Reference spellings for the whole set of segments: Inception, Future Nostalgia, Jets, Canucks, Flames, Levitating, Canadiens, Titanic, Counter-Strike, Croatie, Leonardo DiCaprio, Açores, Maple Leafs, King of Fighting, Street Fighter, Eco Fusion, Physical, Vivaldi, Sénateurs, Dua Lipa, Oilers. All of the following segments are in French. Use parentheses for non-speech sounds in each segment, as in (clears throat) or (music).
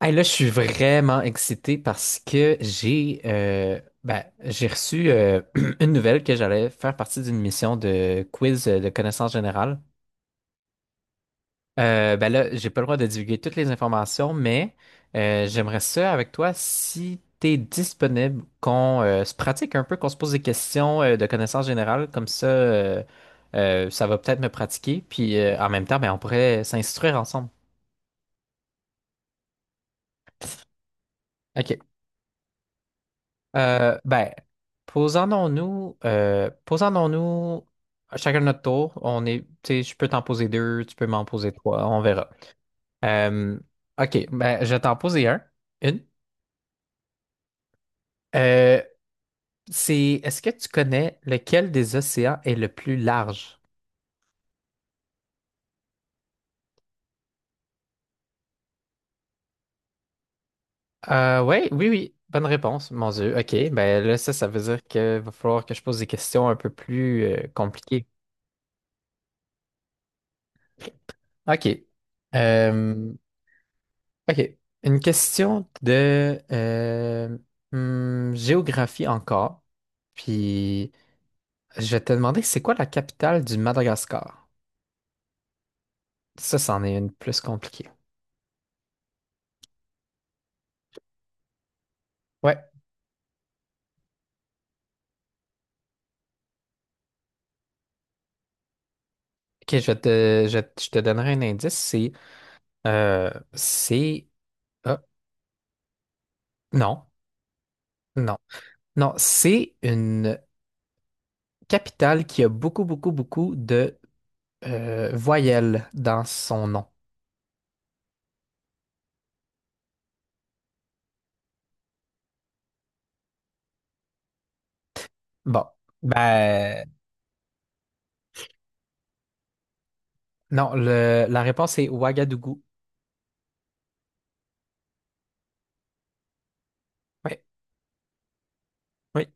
Hey, là, je suis vraiment excité parce que j'ai reçu (clears throat) une nouvelle que j'allais faire partie d'une mission de quiz de connaissances générales. Ben là, j'ai pas le droit de divulguer toutes les informations, mais j'aimerais ça avec toi si t'es disponible, qu'on se pratique un peu, qu'on se pose des questions de connaissances générales, comme ça, ça va peut-être me pratiquer, puis en même temps, ben, on pourrait s'instruire ensemble. Ok. Ben, posons-nous chacun notre tour. On est, tu sais, je peux t'en poser deux, tu peux m'en poser trois, on verra. Euh, OK, ben, je vais t'en poser un, une. Euh, est-ce que tu connais lequel des océans est le plus large? Ouais, oui, oui, bonne réponse, mon Dieu. OK, ben là, ça veut dire qu'il va falloir que je pose des questions un peu plus compliquées. OK. Euh, OK. Une question de géographie encore. Puis je vais te demander c'est quoi la capitale du Madagascar? Ça, c'en est une plus compliquée. Ouais. OK, je te donnerai un indice. C'est ah, non. Non. Non, c'est une capitale qui a beaucoup, beaucoup, beaucoup de voyelles dans son nom. Bon. Ben non, le, la réponse est Ouagadougou. Oui, oui.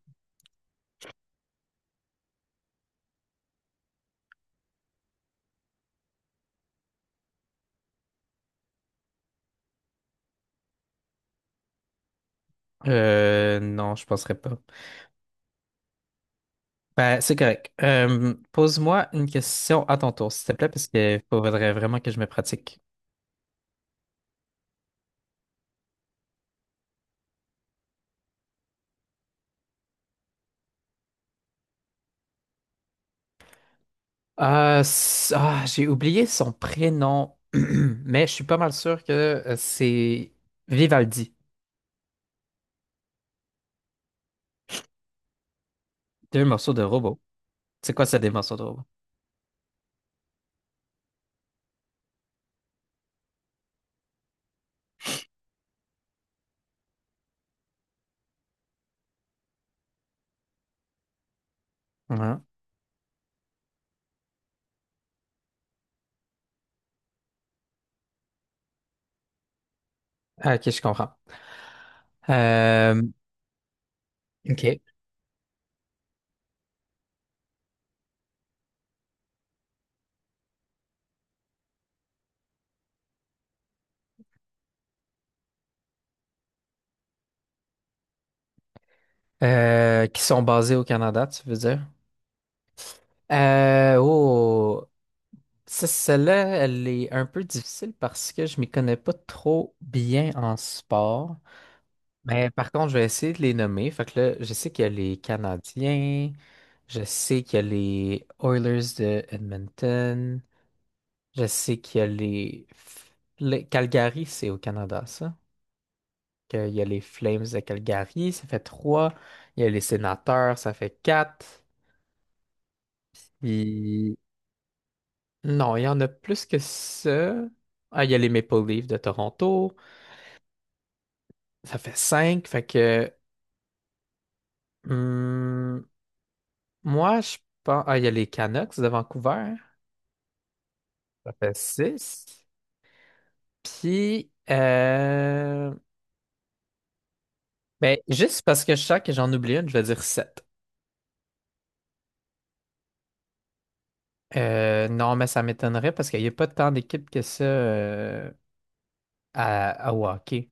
Non, je penserais pas. Ben, c'est correct. Pose-moi une question à ton tour, s'il te plaît, parce qu'il faudrait vraiment que je me pratique. Ah, ah, j'ai oublié son prénom, (clears throat) mais je suis pas mal sûr que c'est Vivaldi. Deux morceaux de robot. C'est quoi ça, des morceaux de robot? Ouais. Ah, ok, je comprends. Euh, ok. Qui sont basés au Canada, tu veux dire? Oh. Ça, celle-là, elle est un peu difficile parce que je m'y connais pas trop bien en sport. Mais par contre, je vais essayer de les nommer. Fait que là, je sais qu'il y a les Canadiens, je sais qu'il y a les Oilers de Edmonton, je sais qu'il y a Calgary, c'est au Canada, ça. Qu'il y a les Flames de Calgary, ça fait trois. Il y a les Sénateurs, ça fait quatre. Puis... Non, il y en a plus que ça. Ah, il y a les Maple Leafs de Toronto. Ça fait cinq, fait que hum, moi je pense. Ah, il y a les Canucks de Vancouver. Ça fait six. Puis ben, juste parce que je sens que j'en oublie une, je vais dire sept. Non, mais ça m'étonnerait parce qu'il n'y a pas tant d'équipes que ça à au hockey.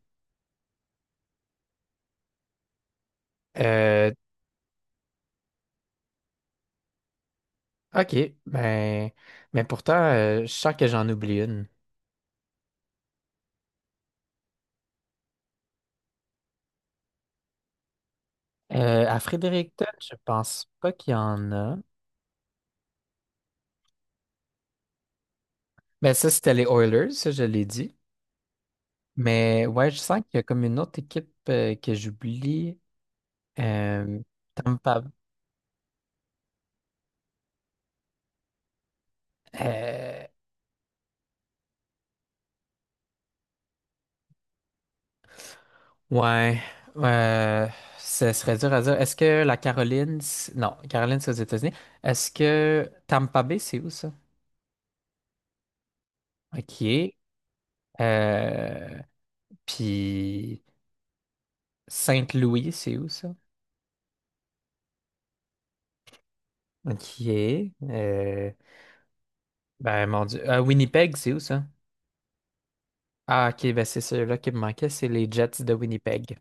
Euh, ok, ben, mais pourtant, je sens que j'en oublie une. À Fredericton, je pense pas qu'il y en a. Ben ça, c'était les Oilers, ça, je l'ai dit. Mais ouais, je sens qu'il y a comme une autre équipe que j'oublie. Euh, Tampa. euh, ouais. euh, ce serait dur à dire. Est-ce que la Caroline. C- Non, Caroline, c'est aux États-Unis. Est-ce que Tampa Bay, c'est où ça? OK. Euh, puis Saint-Louis, c'est où ça? OK. Euh, ben, mon Dieu. Winnipeg, c'est où ça? Ah, OK, ben c'est celui-là qui me manquait. C'est les Jets de Winnipeg.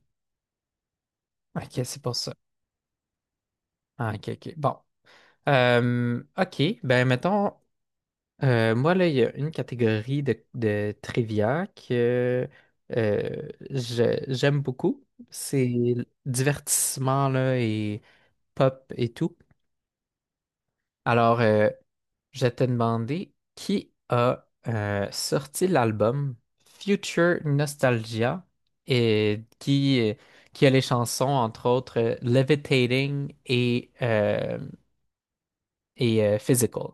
OK, c'est pour ça. Ah, ok, ok. Bon. Ok, ben mettons, moi là, il y a une catégorie de trivia que j'aime beaucoup. C'est le divertissement là, et pop et tout. Alors, je t'ai demandé qui a sorti l'album Future Nostalgia et qui a les chansons, entre autres, Levitating et, Physical.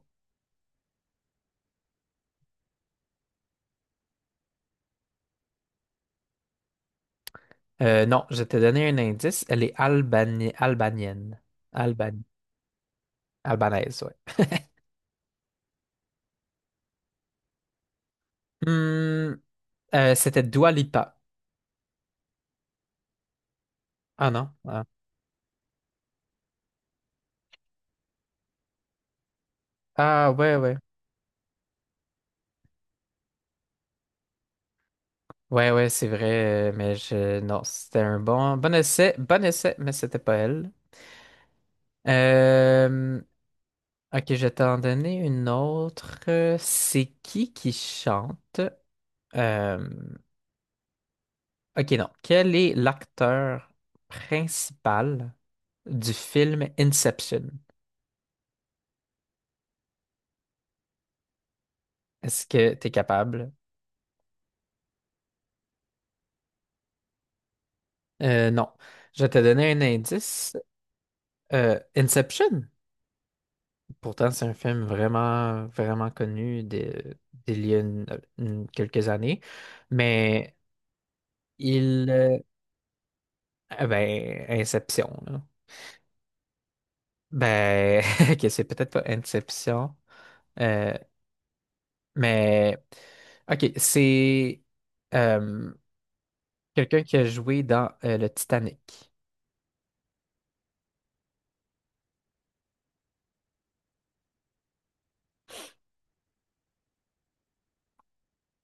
Non, je t'ai donné un indice. Elle est albanienne. Alban- Albanaise, ouais. Hmm, c'était Dua Lipa. Ah non. Ah, ah, ouais, ouais. Ouais, ouais, c'est vrai, mais je. Non, c'était bon essai, mais c'était pas elle. Euh, Ok, je vais t'en donner une autre. C'est qui chante? Euh, Ok, non. Quel est l'acteur principal du film Inception? Est-ce que tu es capable? Non. Je vais te donner un indice. Inception, pourtant, c'est un film vraiment, vraiment connu d'il y a quelques années. Mais il. Ah ben, Inception, là. Ben, (laughs) ok, c'est peut-être pas Inception. Euh, mais. Ok, c'est euh, quelqu'un qui a joué dans le Titanic.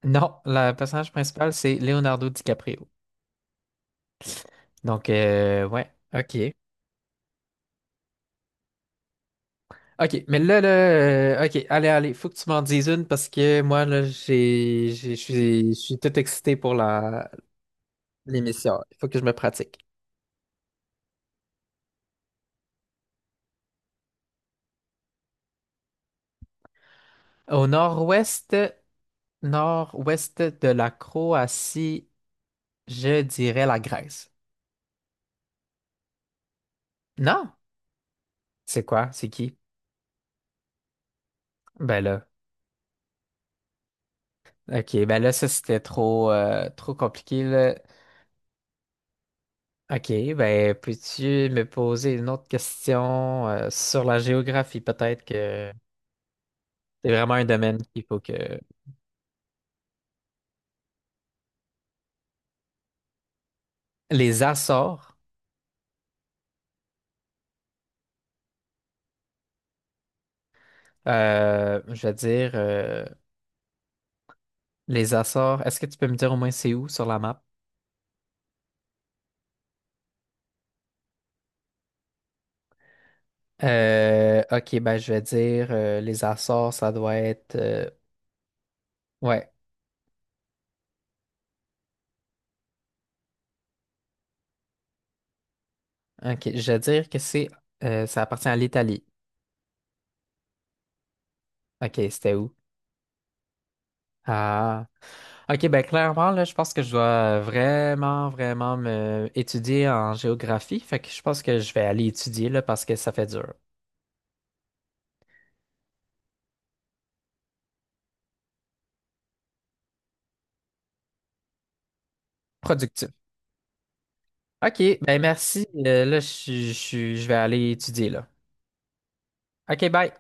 Non, le personnage principal, c'est Leonardo DiCaprio. Donc, ouais, ok. Ok, mais là, là, ok, allez, allez, faut que tu m'en dises une parce que moi, là, je suis tout excité pour l'émission. Il faut que je me pratique. Au nord-ouest de la Croatie, je dirais la Grèce. Non? C'est quoi? C'est qui? Ben là, ok, ben là, ça, c'était trop, trop compliqué, là. Ok, ben, peux-tu me poser une autre question, sur la géographie, peut-être que. C'est vraiment un domaine qu'il faut que. Les Açores, je veux dire, les Açores, est-ce que tu peux me dire au moins c'est où sur la map? Ok, ben je vais dire les Açores, ça doit être. Ouais, ok, je vais dire que c'est. Ça appartient à l'Italie. Ok, c'était où? Ah. Ok, ben clairement, là, je pense que je dois vraiment, vraiment me étudier en géographie. Fait que je pense que je vais aller étudier, là, parce que ça fait dur. Productif. OK, ben merci. Là, je, je vais aller étudier là. OK, bye.